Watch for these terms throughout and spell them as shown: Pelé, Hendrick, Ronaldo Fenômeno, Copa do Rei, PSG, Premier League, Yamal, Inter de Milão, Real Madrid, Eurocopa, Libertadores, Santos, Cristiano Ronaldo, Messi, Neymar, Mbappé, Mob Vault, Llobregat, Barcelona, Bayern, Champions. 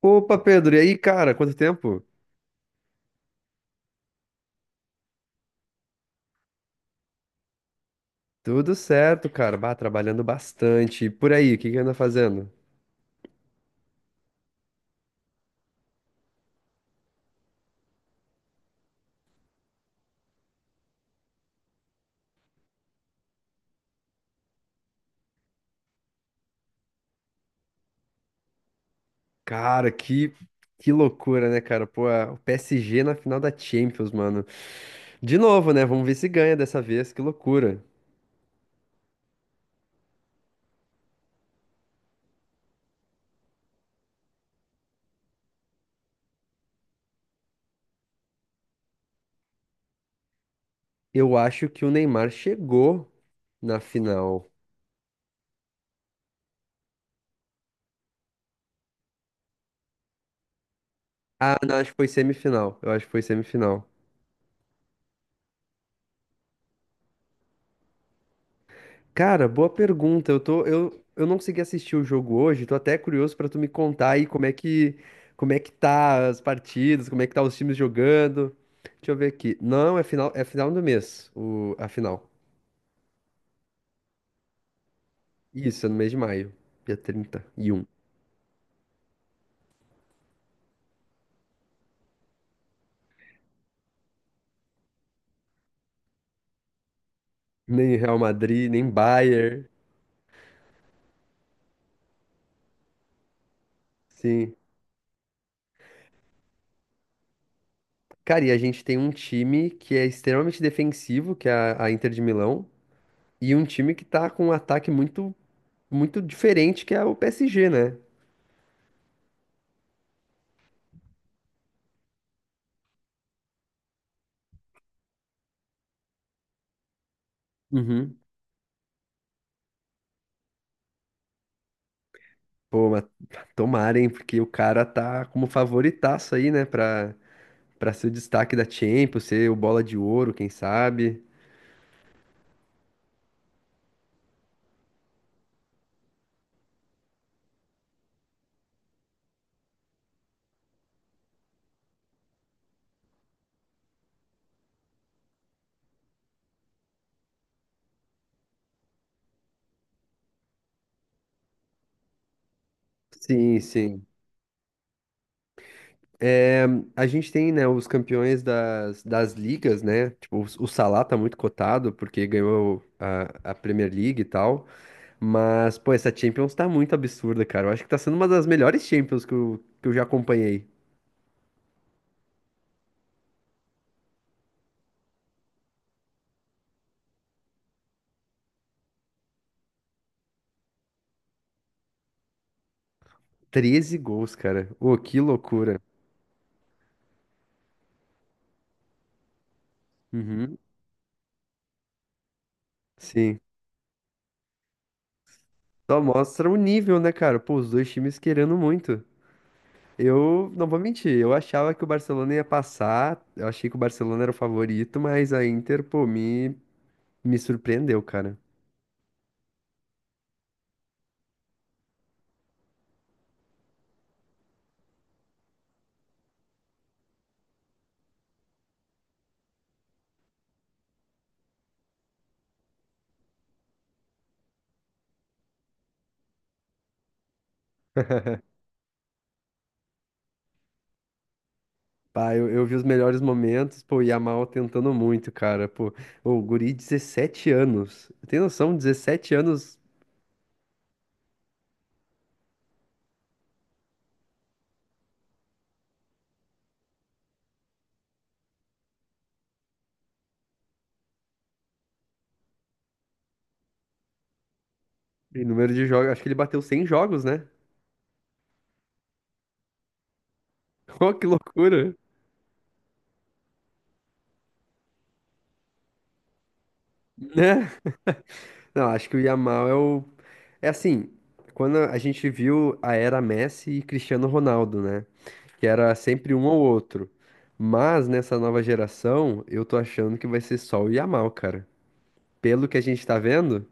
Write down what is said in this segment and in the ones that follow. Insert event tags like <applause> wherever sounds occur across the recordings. Opa, Pedro, e aí, cara? Quanto tempo? Tudo certo, cara. Bah, trabalhando bastante. E por aí, o que que anda fazendo? Cara, que loucura, né, cara? Pô, o PSG na final da Champions, mano. De novo, né? Vamos ver se ganha dessa vez. Que loucura. Eu acho que o Neymar chegou na final. Ah, não, acho que foi semifinal. Eu acho que foi semifinal. Cara, boa pergunta. Eu não consegui assistir o jogo hoje, tô até curioso pra tu me contar aí como é que tá as partidas, como é que tá os times jogando. Deixa eu ver aqui. Não, é final do mês, a final. Isso, é no mês de maio, dia trinta e um. Nem Real Madrid, nem Bayern. Sim. Cara, e a gente tem um time que é extremamente defensivo, que é a Inter de Milão, e um time que tá com um ataque muito diferente, que é o PSG, né? Uhum. Pô, mas tomara, hein? Porque o cara tá como favoritaço aí, né? Pra ser o destaque da Champions, ser o bola de ouro, quem sabe? Sim, sim. É, a gente tem, né, os campeões das ligas, né? Tipo, o Salah tá muito cotado, porque ganhou a Premier League e tal. Mas, pô, essa Champions tá muito absurda, cara. Eu acho que tá sendo uma das melhores Champions que eu já acompanhei. Treze gols, cara. Ô, que loucura. Uhum. Sim. Só mostra o nível, né, cara? Pô, os dois times querendo muito. Eu não vou mentir, eu achava que o Barcelona ia passar, eu achei que o Barcelona era o favorito, mas a Inter, me surpreendeu, cara. Pá, eu vi os melhores momentos, pô, o Yamal tentando muito, cara. Pô, o guri, 17 anos. Tem noção, dezessete anos em número de jogos, acho que ele bateu 100 jogos, né? <laughs> Ô, que loucura, né? Não, acho que o Yamal é o. É assim, quando a gente viu a era Messi e Cristiano Ronaldo, né? Que era sempre um ou outro. Mas nessa nova geração, eu tô achando que vai ser só o Yamal, cara. Pelo que a gente tá vendo.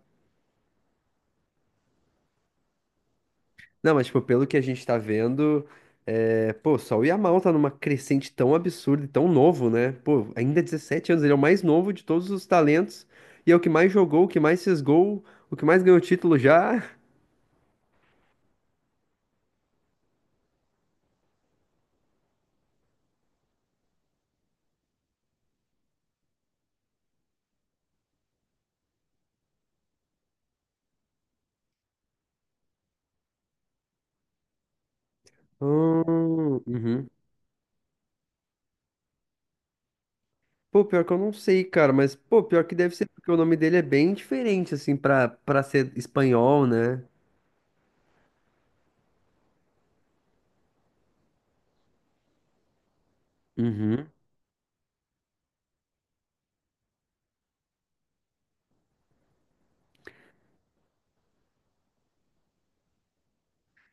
Não, mas, tipo, pelo que a gente tá vendo, pô, só o Yamal tá numa crescente tão absurda e tão novo, né? Pô, ainda é 17 anos, ele é o mais novo de todos os talentos. E é o que mais jogou, o que mais fez gol, o que mais ganhou título já. <laughs> Uhum. Pô, pior que eu não sei, cara, mas pô, pior que deve ser porque o nome dele é bem diferente, assim, pra ser espanhol, né? Uhum.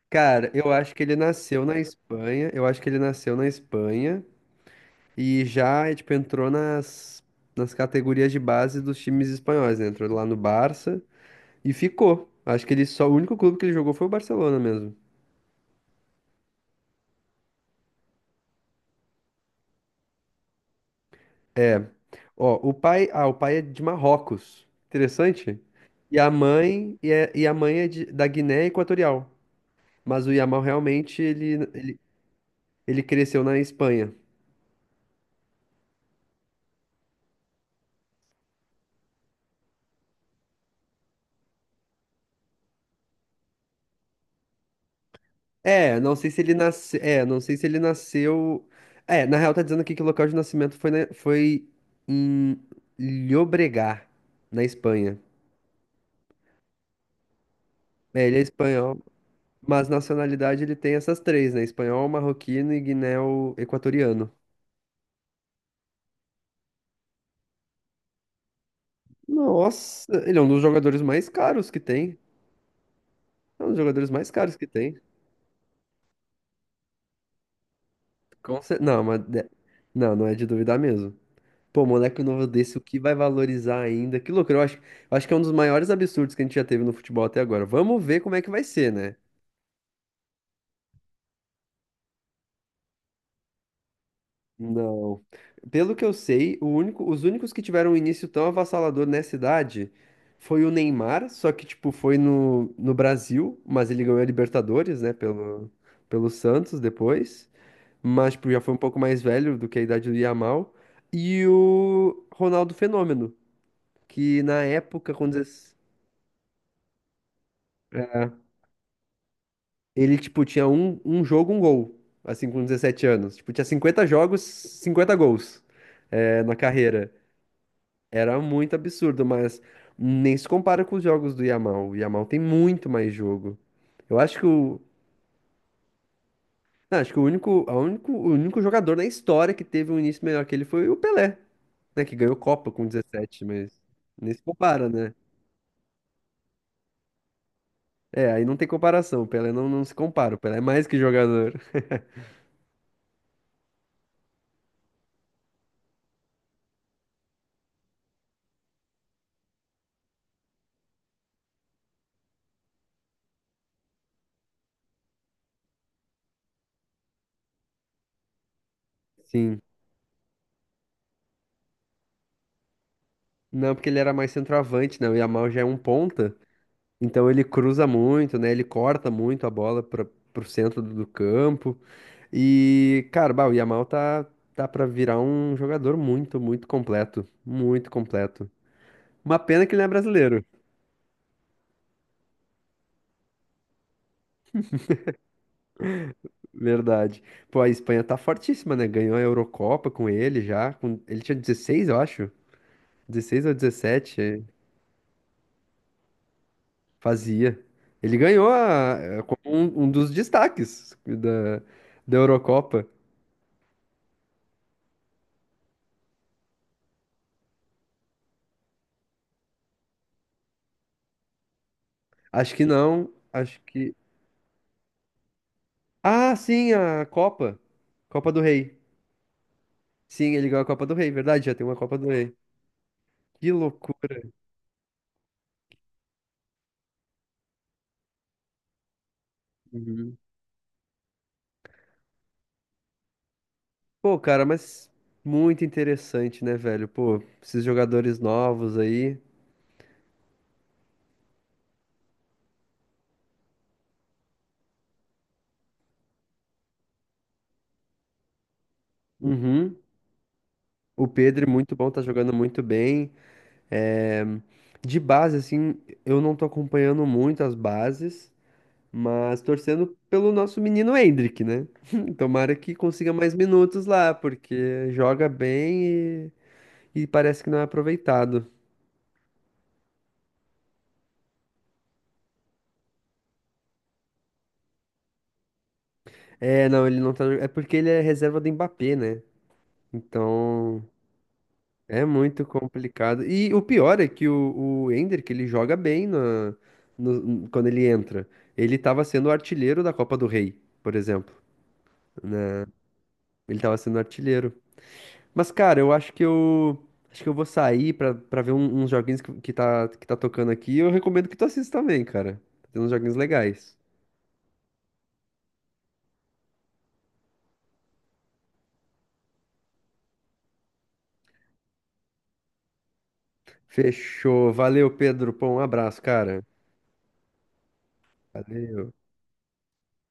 Cara, eu acho que ele nasceu na Espanha, eu acho que ele nasceu na Espanha e já, tipo, entrou nas categorias de base dos times espanhóis, né? Entrou lá no Barça e ficou. Acho que ele só, o único clube que ele jogou foi o Barcelona mesmo. Ó, o pai, ah, o pai é de Marrocos. Interessante. E a mãe, e a mãe da Guiné Equatorial. Mas o Yamal realmente ele cresceu na Espanha. É, não sei se ele nasceu. É, não sei se ele nasceu. É, na real tá dizendo aqui que o local de nascimento foi, foi em Llobregat, na Espanha. É, ele é espanhol, mas nacionalidade ele tem essas três, né? Espanhol, marroquino e guiné-equatoriano. Nossa, ele é um dos jogadores mais caros que tem. É um dos jogadores mais caros que tem. Não, não, não é de duvidar mesmo. Pô, moleque novo desse, o que vai valorizar ainda? Que loucura, eu acho que é um dos maiores absurdos que a gente já teve no futebol até agora. Vamos ver como é que vai ser, né? Não. Pelo que eu sei, os únicos que tiveram um início tão avassalador nessa idade foi o Neymar, só que, tipo, foi no Brasil, mas ele ganhou a Libertadores, né, pelo, pelo Santos depois. Mas, tipo, já foi um pouco mais velho do que a idade do Yamal. E o Ronaldo Fenômeno, que na época, quando... Ele, tipo, tinha um jogo, um gol, assim, com 17 anos. Tipo, tinha 50 jogos, 50 gols, é, na carreira. Era muito absurdo, mas nem se compara com os jogos do Yamal. O Yamal tem muito mais jogo. Eu acho que o, não, acho que o único jogador na história que teve um início melhor que ele foi o Pelé, né, que ganhou Copa com 17 mas nem se compara, né? É, aí não tem comparação. O Pelé não se compara. O Pelé é mais que jogador. Sim. Não, porque ele era mais centroavante, né? O Yamal já é um ponta. Então ele cruza muito, né? Ele corta muito a bola para pro centro do campo. E, cara, bah, tá para virar um jogador muito, muito completo. Muito completo. Uma pena que ele não é brasileiro, verdade. Pô, a Espanha tá fortíssima, né? Ganhou a Eurocopa com ele já. Ele tinha dezesseis, eu acho. Dezesseis ou 17 é, fazia. Ele ganhou é, como um dos destaques da Eurocopa. Acho que não. Acho que. Ah, sim, a Copa. Copa do Rei. Sim, ele ganhou a Copa do Rei, verdade, já tem uma Copa do Rei. Que loucura. Uhum. Pô, cara, mas muito interessante, né, velho? Pô, esses jogadores novos aí. Uhum. O Pedro é muito bom, tá jogando muito bem. É, de base, assim, eu não tô acompanhando muito as bases, mas torcendo pelo nosso menino Hendrick, né? <laughs> Tomara que consiga mais minutos lá, porque joga bem. E parece que não é aproveitado. É, não, ele não tá. É porque ele é reserva do Mbappé, né? Então é muito complicado. E o pior é que o Ender, que ele joga bem na, no- quando ele entra. Ele tava sendo o artilheiro da Copa do Rei, por exemplo. Ele tava sendo artilheiro. Mas, cara, eu acho que eu. Acho que eu vou sair pra ver uns joguinhos que tá tocando aqui. Eu recomendo que tu assista também, cara. Tem uns joguinhos legais. Fechou. Valeu, Pedro. Pô, um abraço, cara. Valeu.